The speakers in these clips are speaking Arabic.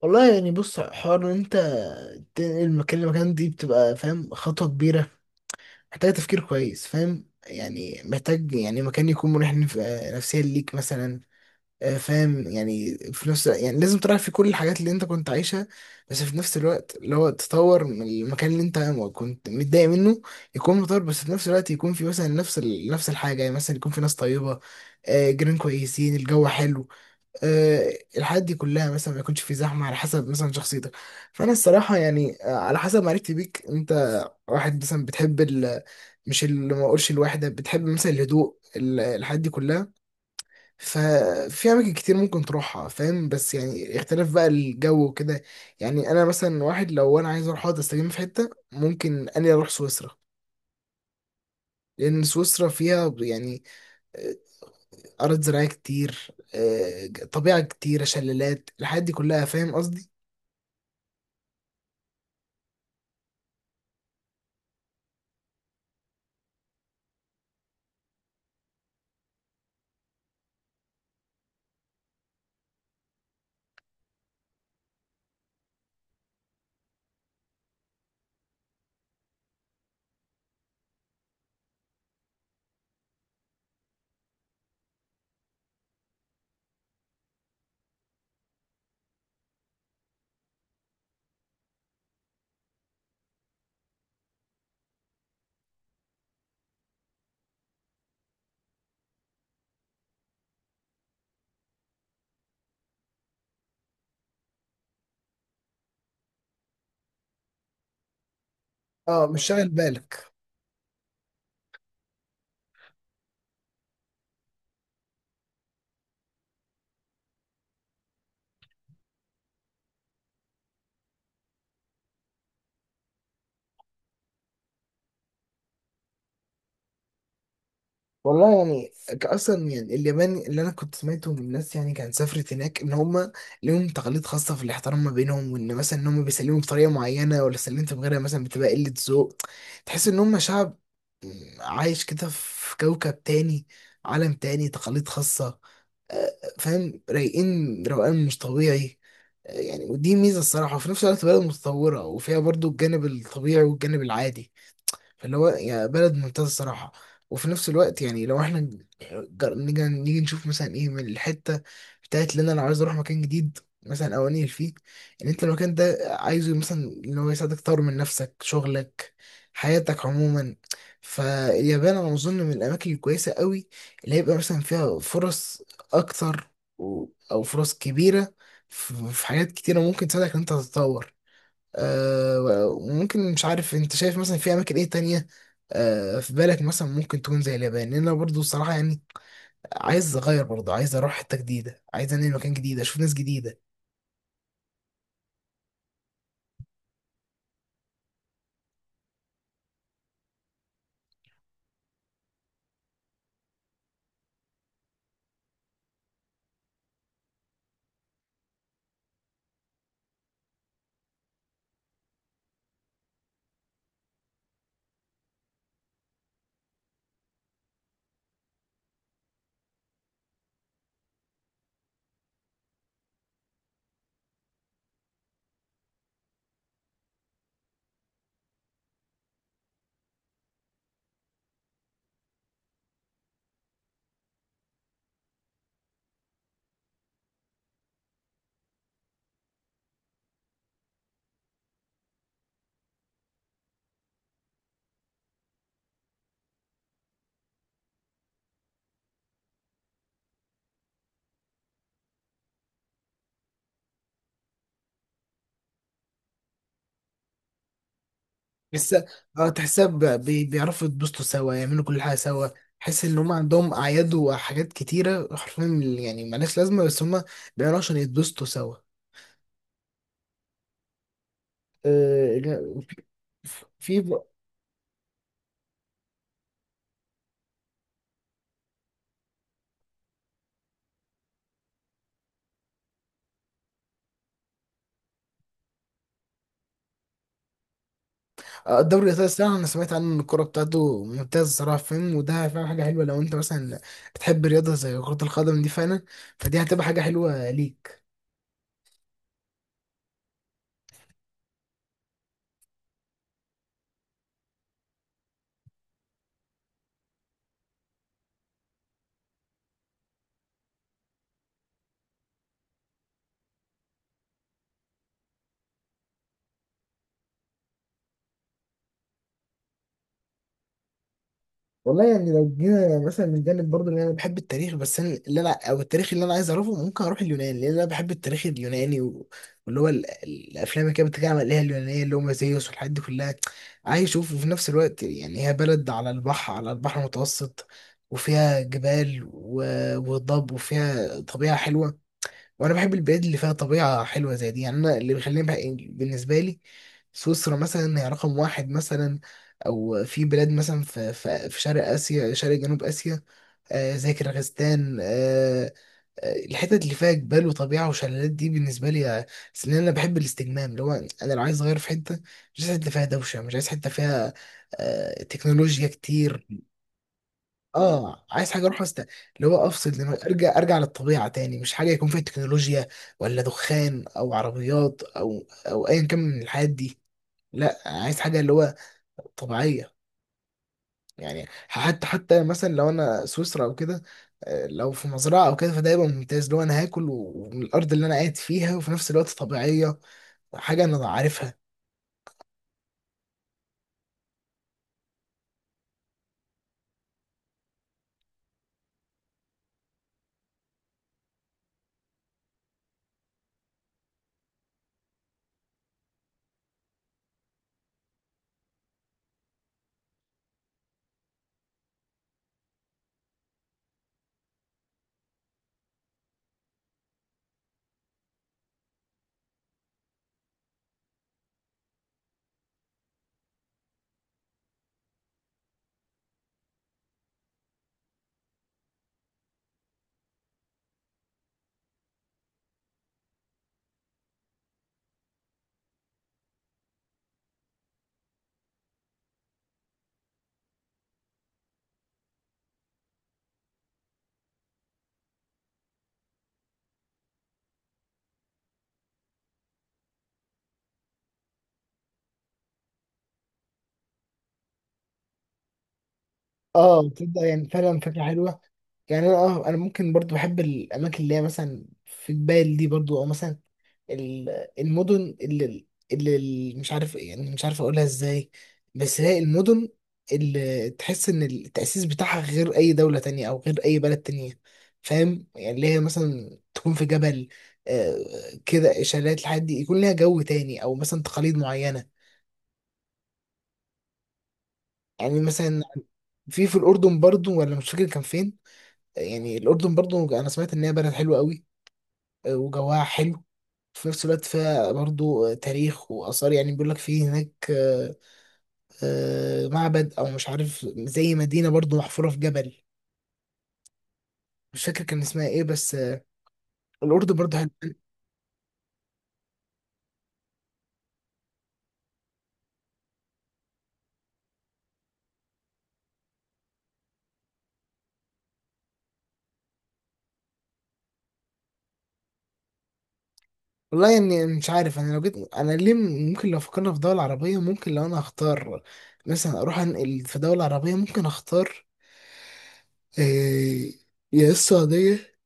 والله يعني بص حوار ان انت تنقل مكان لمكان دي بتبقى فاهم خطوة كبيرة محتاجة تفكير كويس، فاهم؟ يعني محتاج يعني مكان يكون مريح نفسيا ليك مثلا. فاهم؟ يعني في نفس، يعني لازم تراعي في كل الحاجات اللي انت كنت عايشها، بس في نفس الوقت اللي هو تطور من المكان اللي انت كنت متضايق منه، يكون متطور. بس في نفس الوقت يكون في مثلا نفس نفس الحاجة، يعني مثلا يكون في ناس طيبة، جيران كويسين، الجو حلو، الحاجات دي كلها، مثلا ما يكونش في زحمه على حسب مثلا شخصيتك. فانا الصراحه يعني، على حسب معرفتي بيك، انت واحد مثلا بتحب ال، مش اللي ما اقولش الواحده، بتحب مثلا الهدوء الحاجات دي كلها. ففي اماكن كتير ممكن تروحها، فاهم؟ بس يعني اختلاف بقى الجو وكده. يعني انا مثلا واحد، لو انا عايز اروح اقعد استجم في حته ممكن اني اروح سويسرا، لان سويسرا فيها يعني، آه، ارض زراعيه كتير، طبيعه كتيره، شلالات، الحاجات دي كلها، فاهم قصدي؟ اه مش شاغل بالك. والله يعني اصلا يعني اليابان اللي انا كنت سمعته من الناس، يعني كان سافرت هناك، ان هم ليهم تقاليد خاصه في الاحترام ما بينهم، وان مثلا ان هم بيسلموا بطريقه معينه، ولا سلمت بغيرها مثلا بتبقى قله ذوق. تحس ان هم شعب عايش كده في كوكب تاني، عالم تاني، تقاليد خاصه. آه، فاهم؟ رايقين روقان مش طبيعي. يعني ودي ميزه الصراحه، وفي نفس الوقت بلد متطوره، وفيها برضو الجانب الطبيعي والجانب العادي. فاللي هو يعني بلد ممتازة الصراحة. وفي نفس الوقت يعني لو احنا نيجي نشوف مثلا ايه من الحتة بتاعت اللي انا لو عايز اروح مكان جديد مثلا او انقل فيه، ان انت المكان ده عايزه مثلا اللي هو يساعدك تطور من نفسك، شغلك، حياتك عموما. فاليابان انا اظن من الاماكن الكويسة قوي، اللي هيبقى مثلا فيها فرص اكتر و- او فرص كبيرة في حاجات كتيرة ممكن تساعدك ان انت تتطور. وممكن مش عارف انت شايف مثلا في اماكن ايه تانية، في بالك مثلا ممكن تكون زي اليابان، لان انا برضو الصراحة يعني عايز اغير، برضو عايز اروح حتة جديدة، عايز انقل مكان جديد، اشوف ناس جديدة. بس اه تحسها بيعرفوا يتبسطوا سوا، يعملوا كل حاجة سوا. تحس ان هم عندهم اعياد وحاجات كتيرة حرفيا يعني ملهاش لازمة، بس هم بيعملوها عشان يتبسطوا سوا. آه، في. الدوري الايطالي الصراحه انا سمعت عنه ان الكوره بتاعته ممتازه الصراحه، فاهم؟ وده فاهم حاجه حلوه لو انت مثلا بتحب رياضه زي كره القدم دي فعلا، فدي هتبقى حاجه حلوه ليك. والله يعني لو جينا مثلا من جانب برضه اللي انا بحب التاريخ، بس انا اللي انا او التاريخ اللي انا عايز اعرفه، ممكن اروح اليونان، لان انا بحب التاريخ اليوناني واللي هو الافلام اللي كانت بتتكلم عليها اليونانيه اللي هم زيوس والحاجات دي كلها، عايز اشوف. وفي نفس الوقت يعني هي بلد على البحر، على البحر المتوسط، وفيها جبال وضب، وفيها طبيعة حلوة. وانا بحب البلاد اللي فيها طبيعه حلوه زي دي، يعني انا اللي بيخليني بالنسبه لي سويسرا مثلا هي رقم واحد مثلا، او في بلاد مثلا في في شرق اسيا، شرق جنوب اسيا، آه زي كيرغستان. آه، الحتت اللي فيها جبال وطبيعه وشلالات دي بالنسبه لي، أصل انا بحب الاستجمام اللي هو انا لو عايز اغير في حته، مش عايز حته فيها دوشه، مش عايز حته فيها تكنولوجيا كتير. اه عايز حاجه اروح است، اللي هو افصل دماغي، ارجع للطبيعه تاني. مش حاجه يكون فيها تكنولوجيا ولا دخان او عربيات او ايا كان من الحاجات دي. لا عايز حاجه اللي هو طبيعيه. يعني حتى مثلا لو انا سويسرا او كده، لو في مزرعه او كده فده يبقى ممتاز، اللي هو انا هاكل ومن الارض اللي انا قاعد فيها، وفي نفس الوقت طبيعيه، حاجه انا عارفها. اه تبدا يعني فعلا فكره حلوه. يعني انا اه انا ممكن برضو بحب الاماكن اللي هي مثلا في جبال دي برضو، او مثلا المدن اللي مش عارف إيه، يعني مش عارف اقولها ازاي. بس هي المدن اللي تحس ان التأسيس بتاعها غير اي دولة تانية او غير اي بلد تانية، فاهم؟ يعني اللي هي مثلا تكون في جبل، آه، كده شلالات، الحاجات دي يكون ليها جو تاني، او مثلا تقاليد معينة. يعني مثلا في الأردن برضو ولا مش فاكر كان فين، يعني الأردن برضو أنا سمعت إن هي بلد حلوة قوي، وجوها حلو، في نفس الوقت فيها برضو، تاريخ وآثار، يعني بيقول لك في هناك، معبد او مش عارف زي مدينه برضو محفوره في جبل. مش فاكر كان اسمها ايه بس الاردن برضو حلوه. والله يعني مش عارف انا لو جيت انا ليه، ممكن لو فكرنا في دوله عربيه، ممكن لو انا هختار مثلا اروح انقل في دوله عربيه، ممكن اختار آه، يا السعوديه،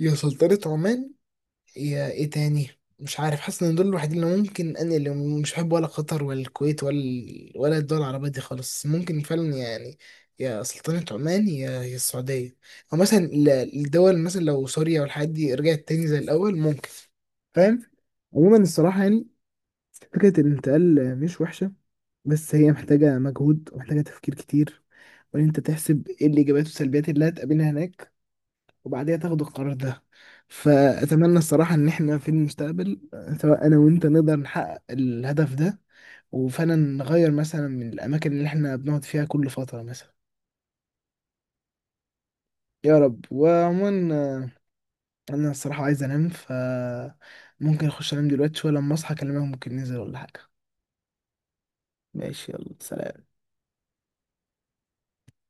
يا سلطنه عمان، يا ايه تاني. مش عارف، حاسس ان دول الوحيدين اللي ممكن انا اللي، مش بحب ولا قطر ولا الكويت ولا، ولا الدول العربية دي خالص ممكن فعلا يعني، يا سلطنة عمان يا السعودية. او مثلا الدول مثلا لو سوريا والحاجات دي رجعت تاني زي الاول ممكن، فاهم؟ عموما الصراحة يعني فكرة الانتقال مش وحشة، بس هي محتاجة مجهود ومحتاجة تفكير كتير، وإن أنت تحسب إيه الإيجابيات والسلبيات اللي هتقابلها هناك، وبعديها تاخدوا القرار ده. فأتمنى الصراحة إن إحنا في المستقبل سواء أنا وأنت نقدر نحقق الهدف ده، وفعلا نغير مثلا من الأماكن اللي إحنا بنقعد فيها كل فترة مثلا. يا رب. وعموما أنا الصراحة عايز أنام، فممكن أخش أنام دلوقتي شوية، لما أصحى أكلمك ممكن ننزل ولا حاجة. ماشي يلا سلام.